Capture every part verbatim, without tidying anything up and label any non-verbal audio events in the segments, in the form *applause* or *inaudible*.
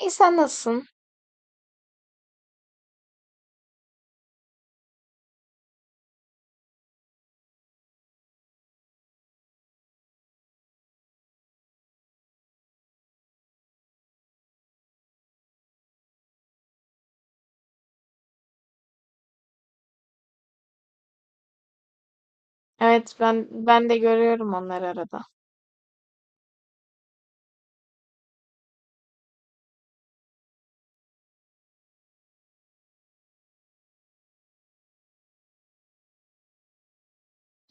İyi sen nasılsın? Evet ben ben de görüyorum onları arada.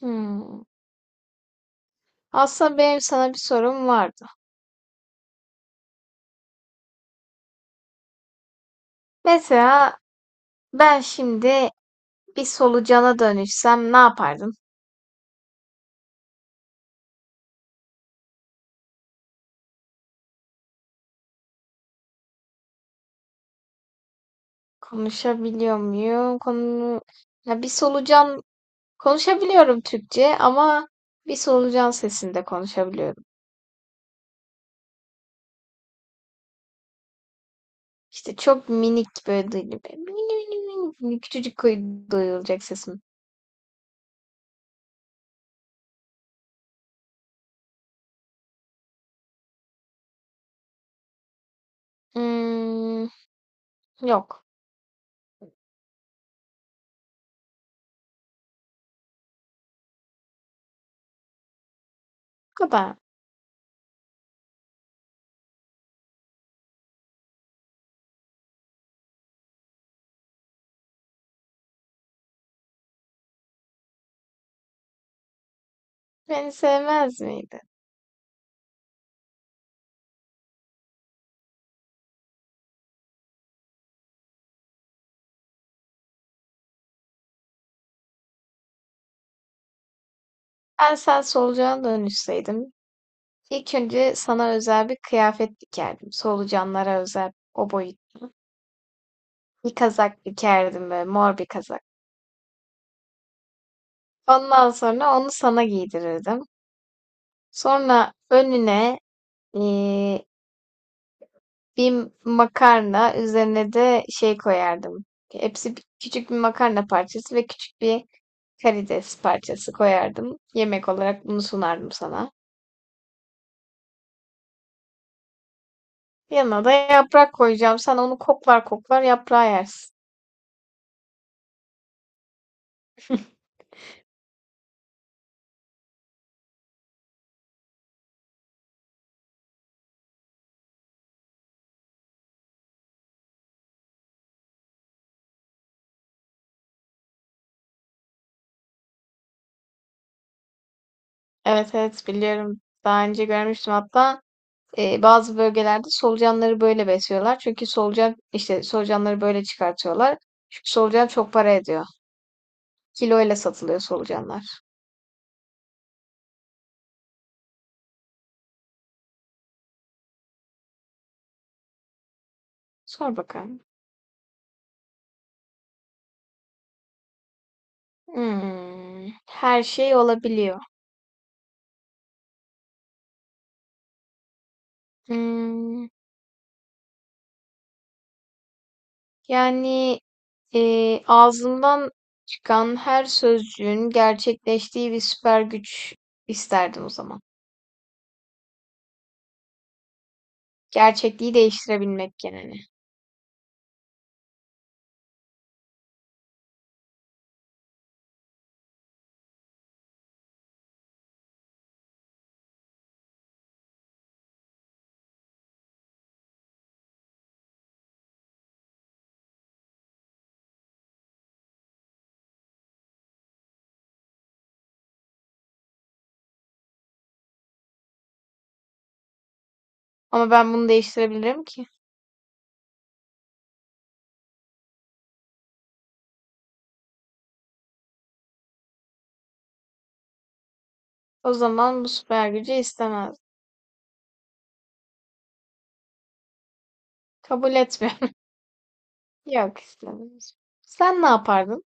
Hmm. Aslında benim sana bir sorum vardı. Mesela ben şimdi bir solucana dönüşsem ne yapardım? Konuşabiliyor muyum? Konu ya bir solucan konuşabiliyorum Türkçe ama bir solucan sesinde konuşabiliyorum. İşte çok minik böyle duyuluyor. Mini mini mini mini küçücük kuy- duyulacak sesim. Hmm, yok. Bu kadar. Beni sevmez miydi? Ben sen solucana dönüşseydim ilk önce sana özel bir kıyafet dikerdim. Solucanlara özel o boyut bir kazak dikerdim böyle mor bir kazak. Ondan sonra onu sana giydirirdim. Sonra önüne eee, bir makarna üzerine de şey koyardım. Hepsi bir- küçük bir makarna parçası ve küçük bir karides parçası koyardım. Yemek olarak bunu sunardım sana. Yanına da yaprak koyacağım. Sen onu koklar koklar yaprağı yersin. *laughs* Evet evet biliyorum. Daha önce görmüştüm hatta e, bazı bölgelerde solucanları böyle besliyorlar. Çünkü solucan işte solucanları böyle çıkartıyorlar. Çünkü solucan çok para ediyor. Kiloyla satılıyor solucanlar. Sor bakalım. Hmm, her şey olabiliyor. Hmm, Yani e, ağzımdan çıkan her sözcüğün gerçekleştiği bir süper güç isterdim o zaman. Gerçekliği değiştirebilmek yani. Ama ben bunu değiştirebilirim ki. O zaman bu süper gücü istemez. Kabul etmiyorum. *laughs* Yok, istemem. Sen ne yapardın?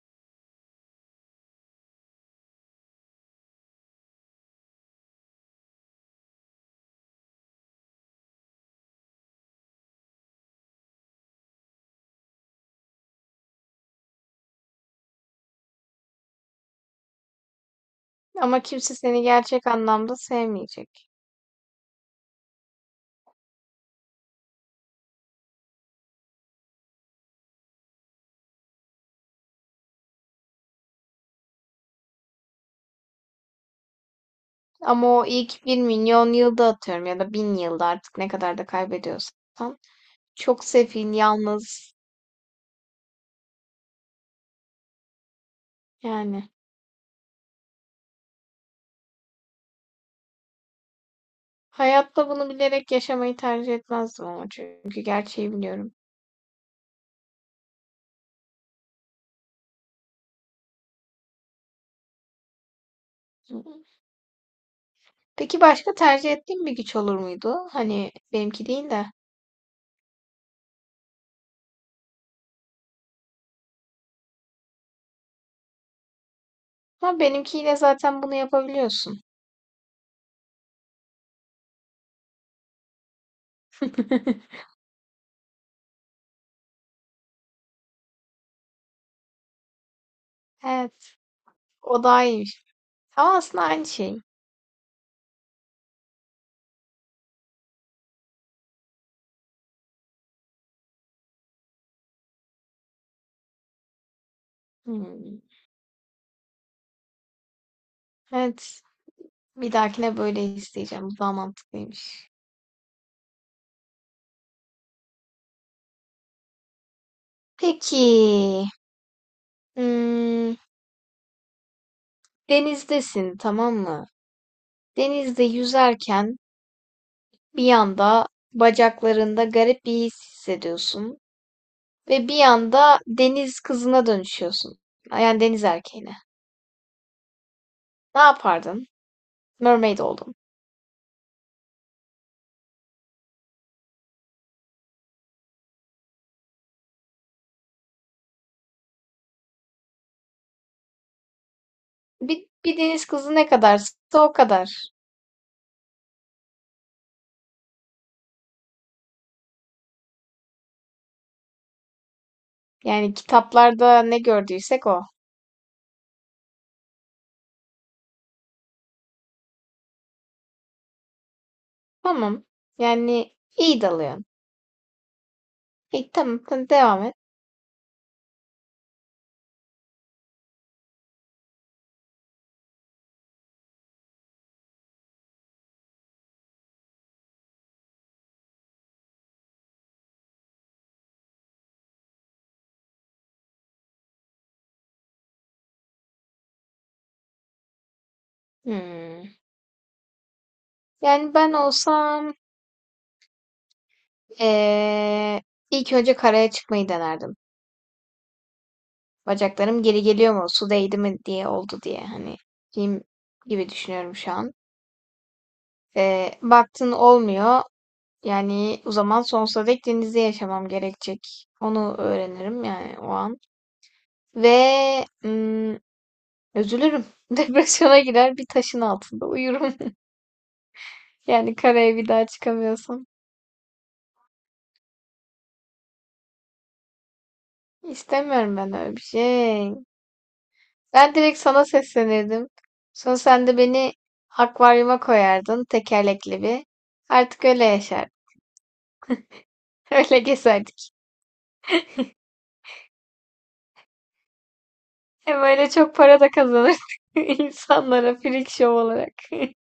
Ama kimse seni gerçek anlamda sevmeyecek. Ama o ilk bir milyon yılda atıyorum ya da bin yılda artık ne kadar da kaybediyorsan. Çok sefil, yalnız yani. Hayatta bunu bilerek yaşamayı tercih etmezdim ama çünkü gerçeği biliyorum. Peki başka tercih ettiğin bir güç olur muydu? Hani benimki değil de. Ama benimkiyle zaten bunu yapabiliyorsun. *laughs* Evet. O daha iyiymiş. Ama aslında aynı şey. Hmm. Evet. Bir dahakine böyle isteyeceğim. Bu daha mantıklıymış. Peki. Hmm, Denizdesin, tamam mı? Denizde yüzerken bir anda bacaklarında garip bir his hissediyorsun ve bir anda deniz kızına dönüşüyorsun. Yani deniz erkeğine. Ne yapardın? Mermaid oldun. Bir, bir deniz kızı ne kadarsa o kadar. Yani kitaplarda ne gördüysek o. Tamam. Yani iyi dalıyorsun. İyi, tamam, tamam, devam et. Hmm. Yani ben olsam eee, ilk önce karaya çıkmayı denerdim. Bacaklarım geri geliyor mu? Su değdi mi diye oldu diye hani film gibi düşünüyorum şu an. Eee, baktın olmuyor. Yani o zaman sonsuza dek denizde yaşamam gerekecek. Onu öğrenirim yani o an. Ve mm, üzülürüm. *laughs* Depresyona girer bir taşın altında uyurum. *laughs* Yani karaya bir daha çıkamıyorsam. İstemiyorum ben öyle bir şey. Ben direkt sana seslenirdim. Sonra sen de beni akvaryuma koyardın tekerlekli bir. Artık öyle yaşardık. *laughs* Öyle gezerdik. Hem öyle çok para da kazanırdık *laughs* insanlara freak show olarak. *laughs*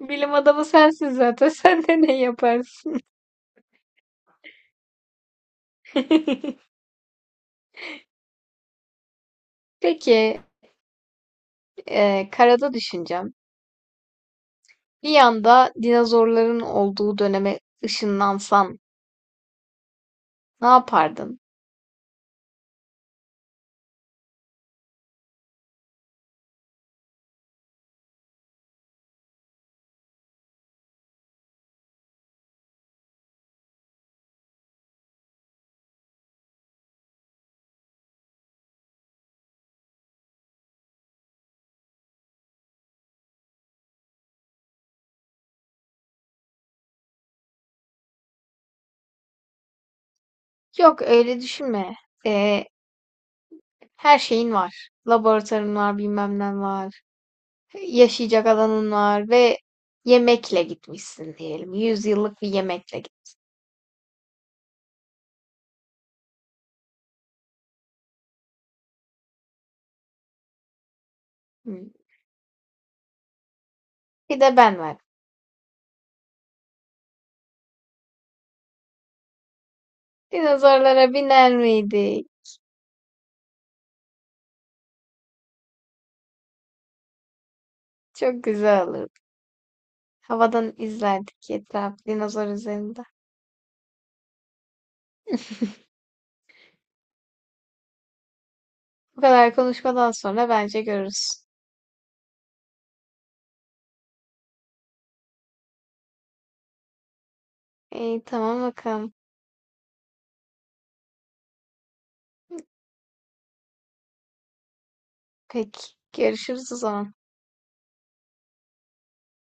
Bilim adamı sensin zaten. *laughs* Sen de ne yaparsın? *laughs* Peki, e, karada düşüneceğim. Bir yanda dinozorların olduğu döneme ışınlansan ne yapardın? Yok öyle düşünme. E, Her şeyin var. Laboratuvarın var, bilmem ne var. Yaşayacak alanın var ve yemekle gitmişsin diyelim. Yüzyıllık bir yemekle git. Hmm. Bir de ben var. Dinozorlara biner miydik? Çok güzel olurdu. Havadan izlerdik etraf dinozor üzerinde. Bu kadar konuşmadan sonra bence görürüz. İyi, tamam bakalım. Peki, görüşürüz o zaman.